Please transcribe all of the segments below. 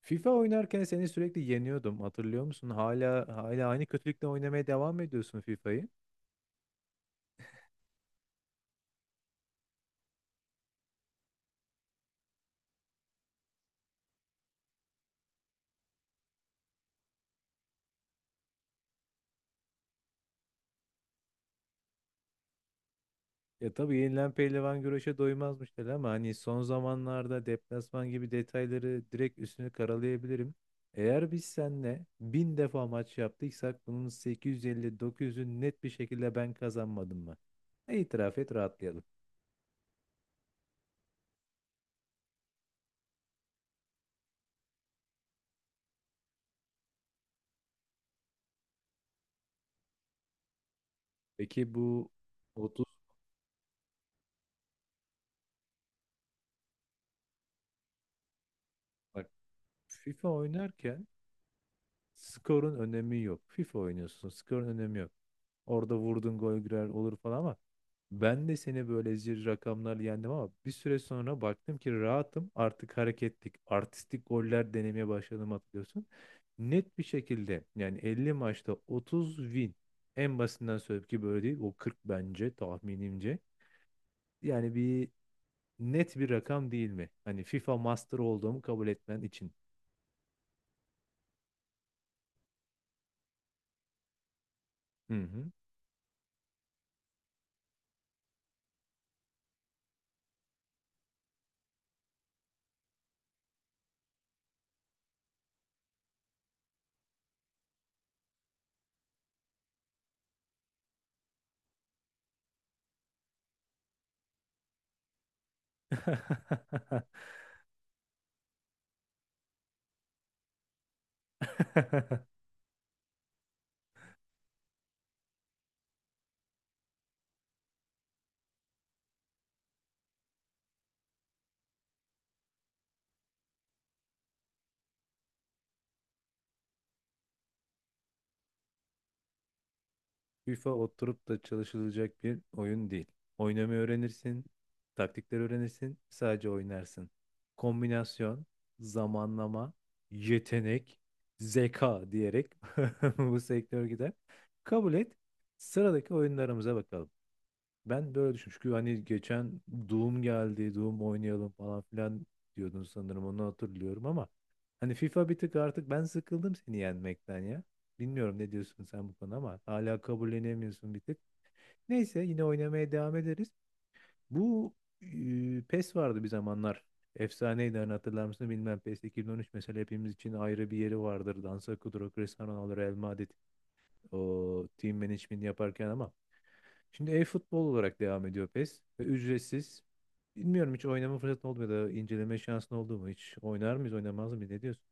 FIFA oynarken seni sürekli yeniyordum. Hatırlıyor musun? Hala aynı kötülükle oynamaya devam ediyorsun FIFA'yı. Ya tabii yenilen pehlivan güreşe doymazmış der ama hani son zamanlarda deplasman gibi detayları direkt üstünü karalayabilirim. Eğer biz seninle bin defa maç yaptıysak bunun 850-900'ü net bir şekilde ben kazanmadım mı? İtiraf et rahatlayalım. Peki bu 30, bak, FIFA oynarken skorun önemi yok. FIFA oynuyorsun, skorun önemi yok. Orada vurdun, gol girer olur falan, ama ben de seni böyle zir rakamlar yendim. Ama bir süre sonra baktım ki rahatım, artık hareketlik artistik goller denemeye başladım, hatırlıyorsun. Net bir şekilde yani 50 maçta 30 win, en basitinden söyleyeyim ki böyle değil o, 40 bence tahminimce. Yani net bir rakam değil mi? Hani FIFA Master olduğumu kabul etmen için. Hı hı. FIFA oturup da çalışılacak bir oyun değil. Oynamayı öğrenirsin, taktikleri öğrenirsin, sadece oynarsın. Kombinasyon, zamanlama, yetenek, zeka diyerek bu sektör gider. Kabul et. Sıradaki oyunlarımıza bakalım. Ben de öyle düşünmüştüm. Çünkü hani geçen Doom geldi, Doom oynayalım falan filan diyordun sanırım. Onu hatırlıyorum ama hani FIFA bir tık artık ben sıkıldım seni yenmekten ya. Bilmiyorum ne diyorsun sen bu konuda, ama hala kabullenemiyorsun bir tık. Neyse yine oynamaya devam ederiz. Bu PES vardı bir zamanlar. Efsaneydi, hani hatırlar mısın bilmem, PES 2013 mesela hepimiz için ayrı bir yeri vardır. Dansa Kuduro, Cristiano Ronaldo, Real Madrid, o team management yaparken. Ama şimdi e-futbol olarak devam ediyor PES, ve ücretsiz. Bilmiyorum, hiç oynama fırsatın oldu mu ya da inceleme şansın oldu mu hiç? Oynar mıyız, oynamaz mıyız? Ne diyorsun?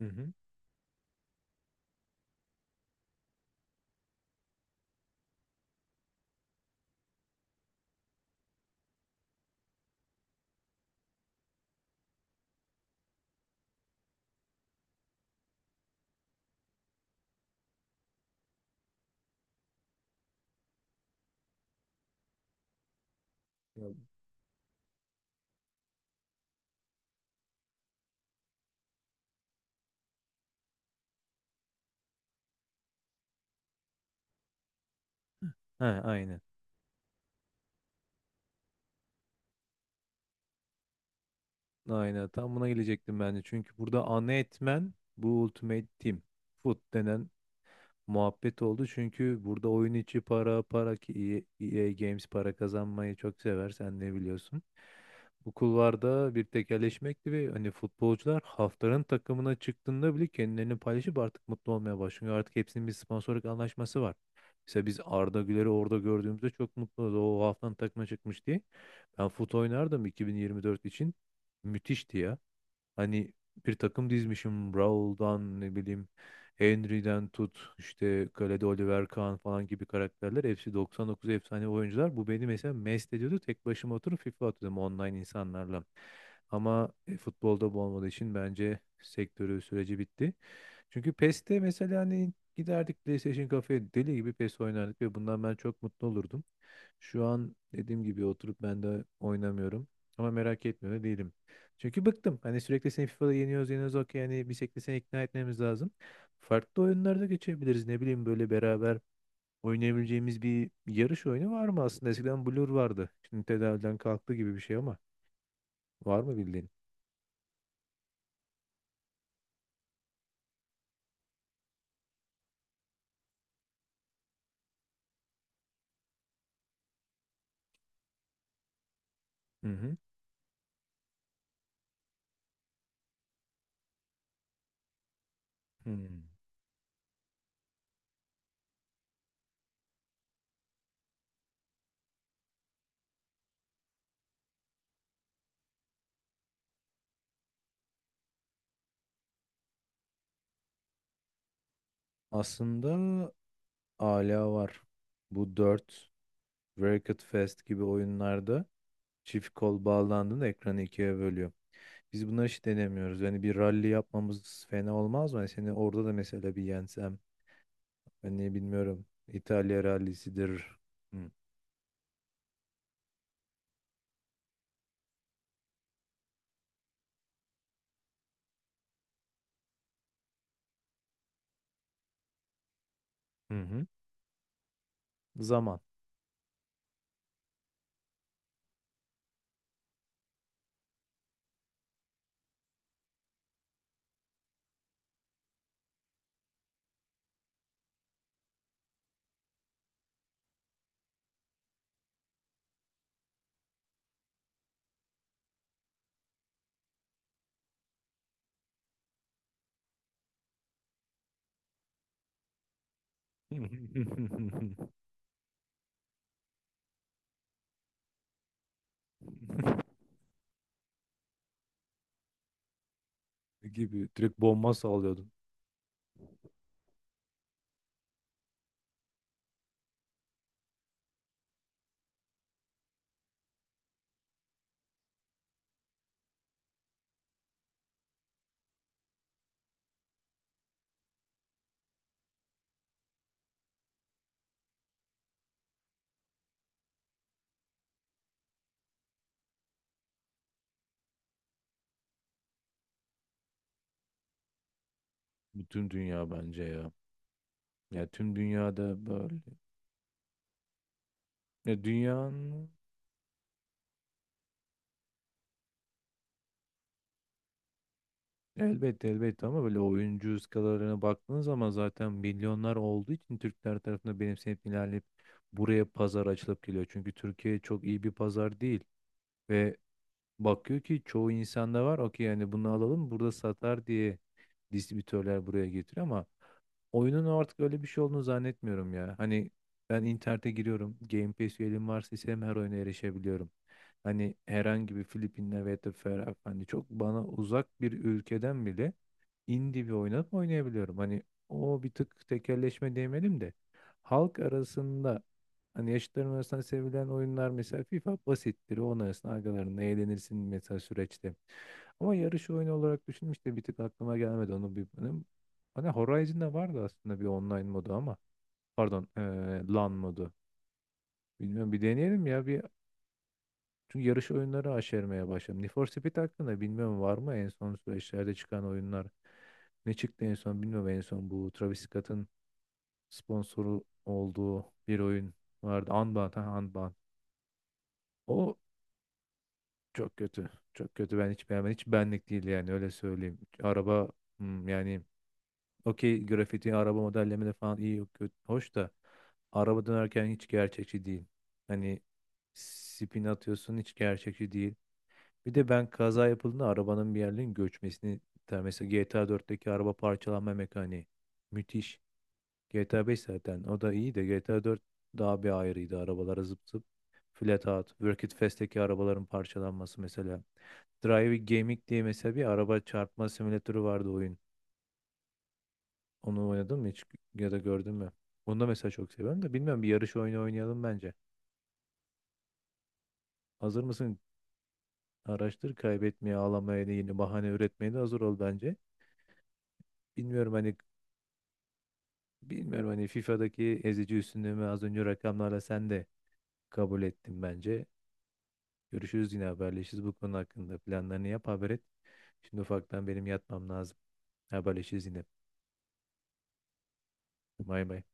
Hı hı. Ya. Ha, aynen. Aynen. Tam buna gelecektim ben de. Çünkü burada ana etmen bu Ultimate Team. FUT denen muhabbet oldu. Çünkü burada oyun içi para ki EA Games para kazanmayı çok sever, sen ne biliyorsun. Bu kulvarda bir tekelleşmekti, ve hani futbolcular haftanın takımına çıktığında bile kendilerini paylaşıp artık mutlu olmaya başlıyor. Artık hepsinin bir sponsorluk anlaşması var. Mesela biz Arda Güler'i orada gördüğümüzde çok mutlu olduk. O haftanın takıma çıkmış diye. Ben fut oynardım 2024 için. Müthişti ya. Hani bir takım dizmişim, Raul'dan ne bileyim Henry'den tut, işte kalede Oliver Kahn falan gibi karakterler. Hepsi 99 efsane oyuncular. Bu beni mesela mest ediyordu. Tek başıma oturup FIFA atıyordum online insanlarla. Ama futbolda bu olmadığı için bence sektörü süreci bitti. Çünkü PES'te mesela hani giderdik PlayStation kafeye, deli gibi PES oynardık, ve bundan ben çok mutlu olurdum. Şu an dediğim gibi oturup ben de oynamıyorum. Ama merak etmiyor da değilim. Çünkü bıktım. Hani sürekli seni FIFA'da yeniyoruz yeniyoruz, okey. Yani bir şekilde seni ikna etmemiz lazım. Farklı oyunlarda geçebiliriz. Ne bileyim böyle beraber oynayabileceğimiz bir yarış oyunu var mı aslında? Eskiden Blur vardı. Şimdi tedaviden kalktı gibi bir şey ama. Var mı bildiğin? Hı hı. Hmm. Aslında hala var. Bu 4, Wrecked Fest gibi oyunlarda çift kol bağlandığında ekranı ikiye bölüyor. Biz bunları hiç denemiyoruz. Yani bir rally yapmamız fena olmaz mı? Yani seni orada da mesela bir yensem. Ben ne bilmiyorum. İtalya rallisidir. Hı. Hı hı. Zaman gibi direkt bomba sallıyordum. Bütün dünya bence ya. Ya tüm dünyada böyle. Ya dünyanın. Elbette, elbette, ama böyle oyuncu skalarına baktığın zaman zaten milyonlar olduğu için Türkler tarafından benimsenip ilerleyip buraya pazar açılıp geliyor. Çünkü Türkiye çok iyi bir pazar değil, ve bakıyor ki çoğu insanda var, okey, yani bunu alalım burada satar diye distribütörler buraya getiriyor. Ama oyunun artık öyle bir şey olduğunu zannetmiyorum ya. Hani ben internete giriyorum, Game Pass üyeliğim varsa istediğim her oyuna erişebiliyorum. Hani herhangi bir Filipinler veya da Ferah, hani çok bana uzak bir ülkeden bile indie bir oyunu oynayabiliyorum. Hani o bir tık tekelleşme demeyelim de, halk arasında, hani yaşıtlarım arasında sevilen oyunlar, mesela FIFA basittir. Onun arasında arkalarında eğlenirsin mesela süreçte. Ama yarış oyunu olarak düşünmüş de bir tık aklıma gelmedi onu bir benim. Hani Horizon'da vardı aslında bir online modu ama, pardon LAN modu. Bilmiyorum, bir deneyelim ya bir, çünkü yarış oyunları aşermeye başladım. Need for Speed hakkında bilmiyorum var mı en son süreçlerde çıkan oyunlar. Ne çıktı en son bilmiyorum, en son bu Travis Scott'ın sponsoru olduğu bir oyun vardı. Unbound, ha, Unbound. O çok kötü. Çok kötü, ben hiç beğenmedim. Hiç benlik değil, yani öyle söyleyeyim. Araba, yani, okey, grafiti araba modellemede falan iyi, yok kötü. Hoş da araba dönerken hiç gerçekçi değil. Hani spin atıyorsun, hiç gerçekçi değil. Bir de ben kaza yapıldığında arabanın bir yerlerin göçmesini ister. Mesela GTA 4'teki araba parçalanma mekaniği müthiş. GTA 5 zaten o da iyi, de GTA 4 daha bir ayrıydı. Arabalara zıp zıp flat out. Work It Fast'teki arabaların parçalanması mesela. Driving Gaming diye mesela bir araba çarpma simülatörü vardı oyun. Onu oynadın mı hiç, ya da gördün mü? Onu da mesela çok seviyorum da, bilmiyorum, bir yarış oyunu oynayalım bence. Hazır mısın? Araştır kaybetmeye, ağlamaya, da yeni bahane üretmeye de hazır ol bence. Bilmiyorum hani Bilmiyorum hani FIFA'daki ezici üstünlüğümü az önce rakamlarla sen de kabul ettin bence. Görüşürüz, yine haberleşiriz bu konu hakkında. Planlarını yap, haber et. Şimdi ufaktan benim yatmam lazım. Haberleşiriz yine. Bay bay.